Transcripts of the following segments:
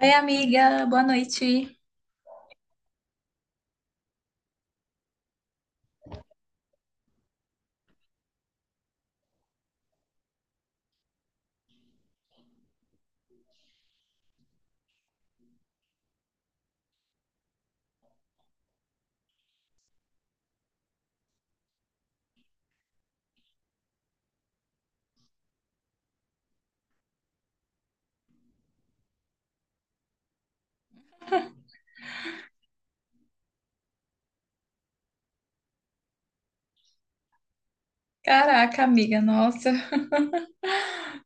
Oi, amiga, boa noite. Caraca, amiga, nossa,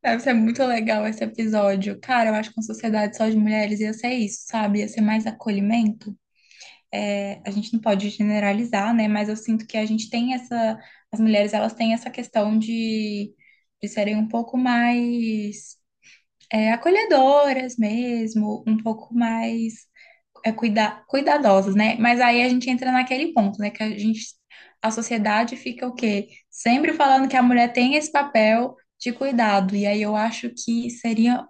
deve ser muito legal esse episódio. Cara, eu acho que uma sociedade só de mulheres ia ser isso, sabe? Ia ser mais acolhimento. É, a gente não pode generalizar, né? Mas eu sinto que a gente tem essa. As mulheres, elas têm essa questão de serem um pouco mais. Acolhedoras mesmo, um pouco mais cuidadosas, né? Mas aí a gente entra naquele ponto, né? Que a sociedade fica o quê? Sempre falando que a mulher tem esse papel de cuidado. E aí eu acho que seria,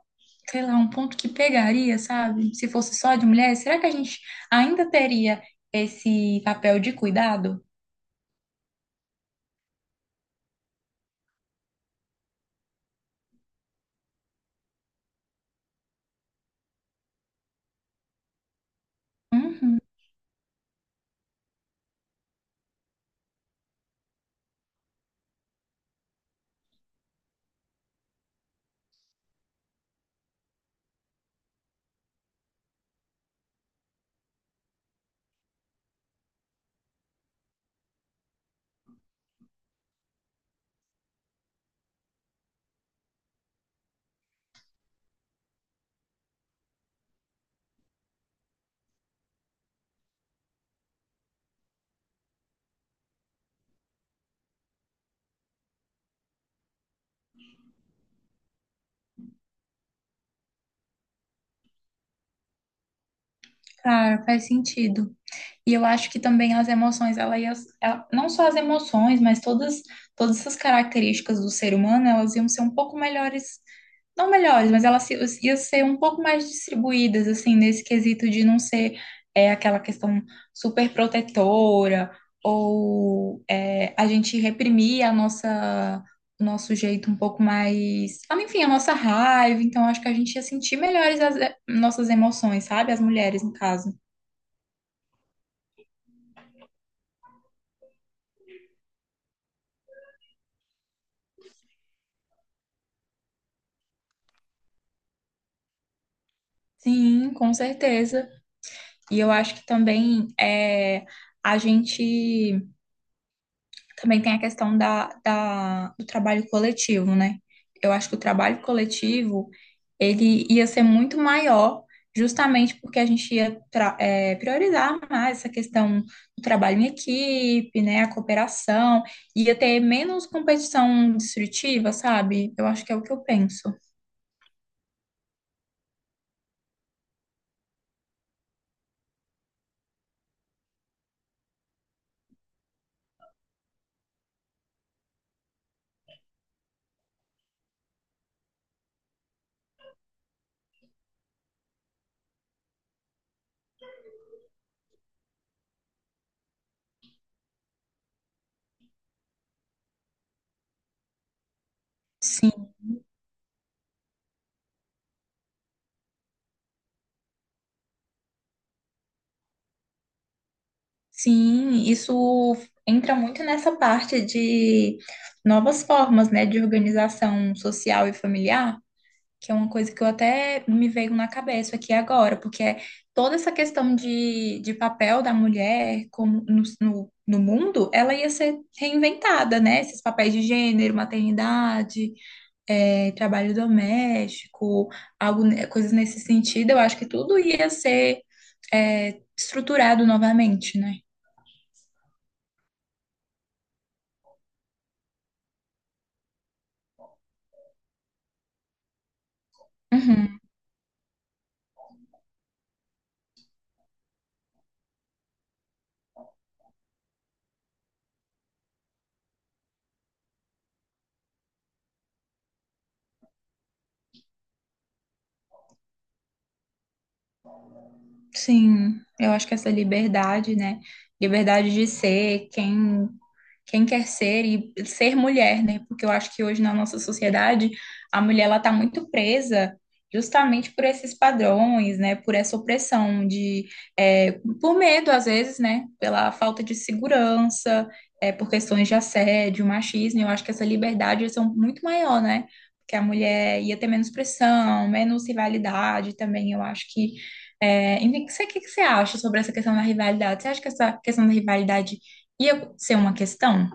sei lá, um ponto que pegaria, sabe? Se fosse só de mulher, será que a gente ainda teria esse papel de cuidado? Uhum, claro, faz sentido. E eu acho que também as emoções, não só as emoções, mas todas essas características do ser humano, elas iam ser um pouco melhores, não melhores, mas elas se- iam ser um pouco mais distribuídas, assim, nesse quesito de não ser aquela questão super protetora, ou a gente reprimir o nosso jeito um pouco mais, ah, enfim, a nossa raiva, então acho que a gente ia sentir melhores as nossas emoções, sabe? As mulheres, no caso. Sim, com certeza. E eu acho que também é, a gente também tem a questão do trabalho coletivo, né? Eu acho que o trabalho coletivo ele ia ser muito maior, justamente porque a gente priorizar mais essa questão do trabalho em equipe, né? A cooperação, ia ter menos competição destrutiva, sabe? Eu acho que é o que eu penso. Sim. Sim, isso entra muito nessa parte de novas formas, né, de organização social e familiar, que é uma coisa que eu até me veio na cabeça aqui agora, porque é toda essa questão de papel da mulher como no mundo, ela ia ser reinventada, né? Esses papéis de gênero, maternidade, trabalho doméstico, coisas nesse sentido, eu acho que tudo ia ser, estruturado novamente, né? Uhum. Sim, eu acho que essa liberdade, né? Liberdade de ser quem quer ser e ser mulher, né? Porque eu acho que hoje na nossa sociedade a mulher ela tá muito presa justamente por esses padrões, né? Por essa opressão de, é, por medo às vezes, né? Pela falta de segurança, por questões de assédio, machismo. Eu acho que essa liberdade ia ser muito maior, né? Porque a mulher ia ter menos pressão, menos rivalidade também. Eu acho que é, enfim, o que você acha sobre essa questão da rivalidade? Você acha que essa questão da rivalidade ia ser uma questão?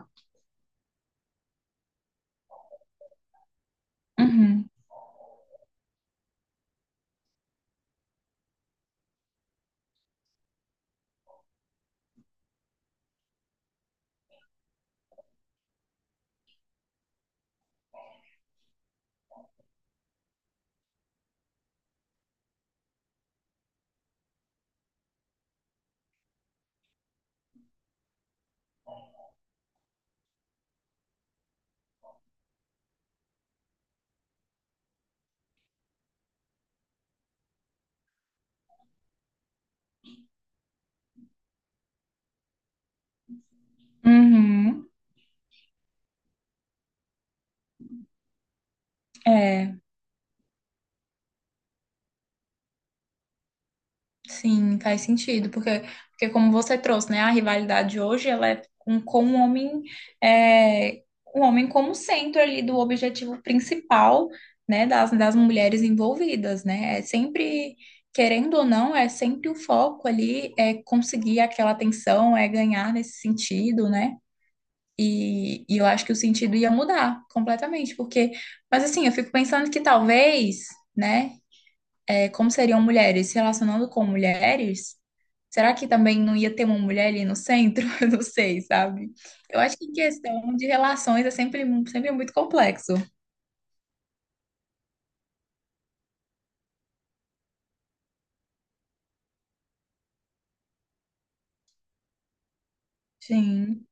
Uhum. Uhum. É, sim, faz sentido, porque como você trouxe, né, a rivalidade hoje, ela é com o homem, é, o homem como centro ali do objetivo principal, né, das mulheres envolvidas, né? É sempre, querendo ou não, é sempre o foco ali, é conseguir aquela atenção, é ganhar nesse sentido, né? E eu acho que o sentido ia mudar completamente, porque, mas assim, eu fico pensando que talvez, né, como seriam mulheres se relacionando com mulheres, será que também não ia ter uma mulher ali no centro? Eu não sei, sabe? Eu acho que questão de relações é sempre muito complexo. Sim,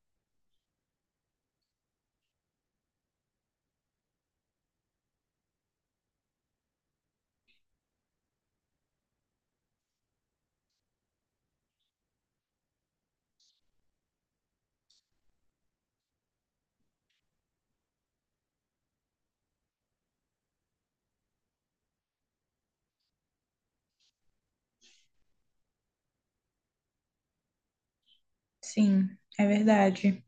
sim, é verdade.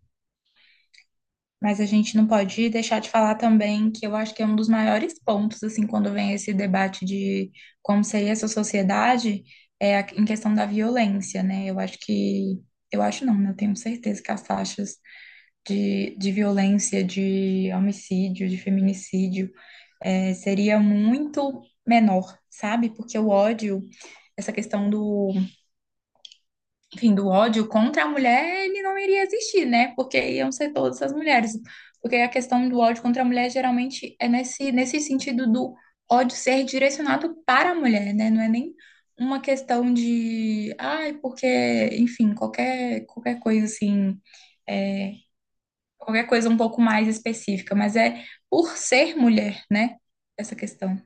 Mas a gente não pode deixar de falar também que eu acho que é um dos maiores pontos, assim, quando vem esse debate de como seria essa sociedade, é em questão da violência, né? Eu acho eu acho não, né? Eu tenho certeza que as taxas de violência, de homicídio, de feminicídio, é, seria muito menor, sabe? Porque o ódio, essa questão do enfim, do ódio contra a mulher, ele não iria existir, né? Porque iam ser todas as mulheres. Porque a questão do ódio contra a mulher geralmente é nesse sentido do ódio ser direcionado para a mulher, né? Não é nem uma questão de, ai, porque, enfim, qualquer coisa assim, é, qualquer coisa um pouco mais específica, mas é por ser mulher, né? Essa questão.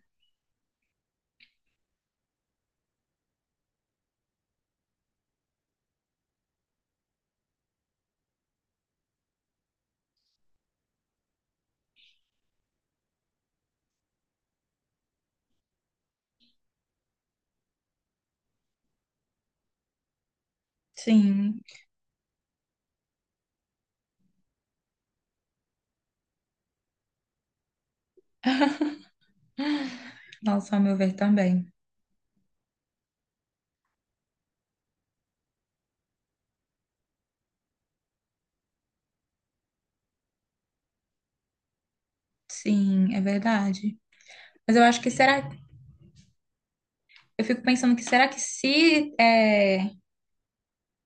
Sim, nossa, ao meu ver também. Sim, é verdade. Mas eu acho que será. Eu fico pensando que será que se é,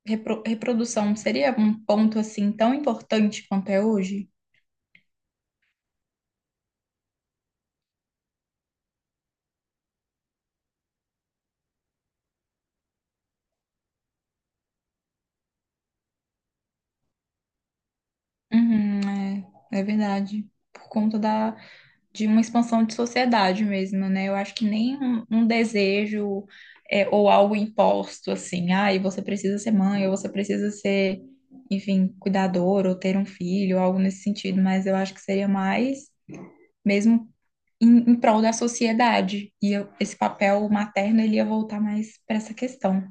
reprodução seria um ponto assim tão importante quanto é hoje? Uhum, é, é verdade. Por conta da, de uma expansão de sociedade mesmo, né? Eu acho que nem um desejo ou algo imposto assim, ah, e você precisa ser mãe, ou você precisa ser, enfim, cuidador, ou ter um filho, algo nesse sentido, mas eu acho que seria mais mesmo em prol da sociedade. Esse papel materno ele ia voltar mais para essa questão.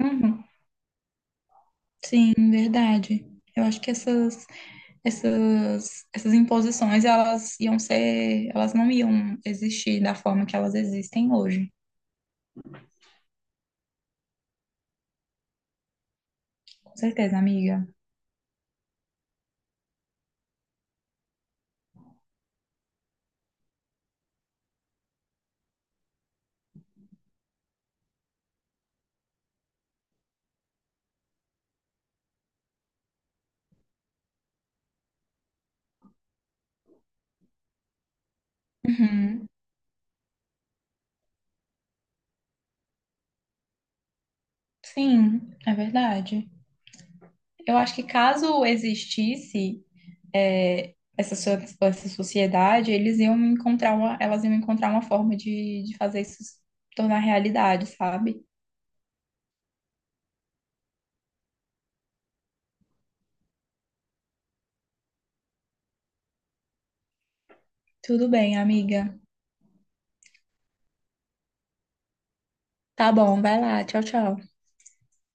Uhum. Sim, verdade. Eu acho que essas imposições, elas não iam existir da forma que elas existem hoje. Com certeza, amiga. Uhum. Sim, é verdade. Eu acho que caso existisse é, essa, so- essa sociedade, eles iam encontrar uma, elas iam encontrar uma forma de fazer isso se tornar realidade, sabe? Tudo bem, amiga. Tá bom, vai lá. Tchau, tchau.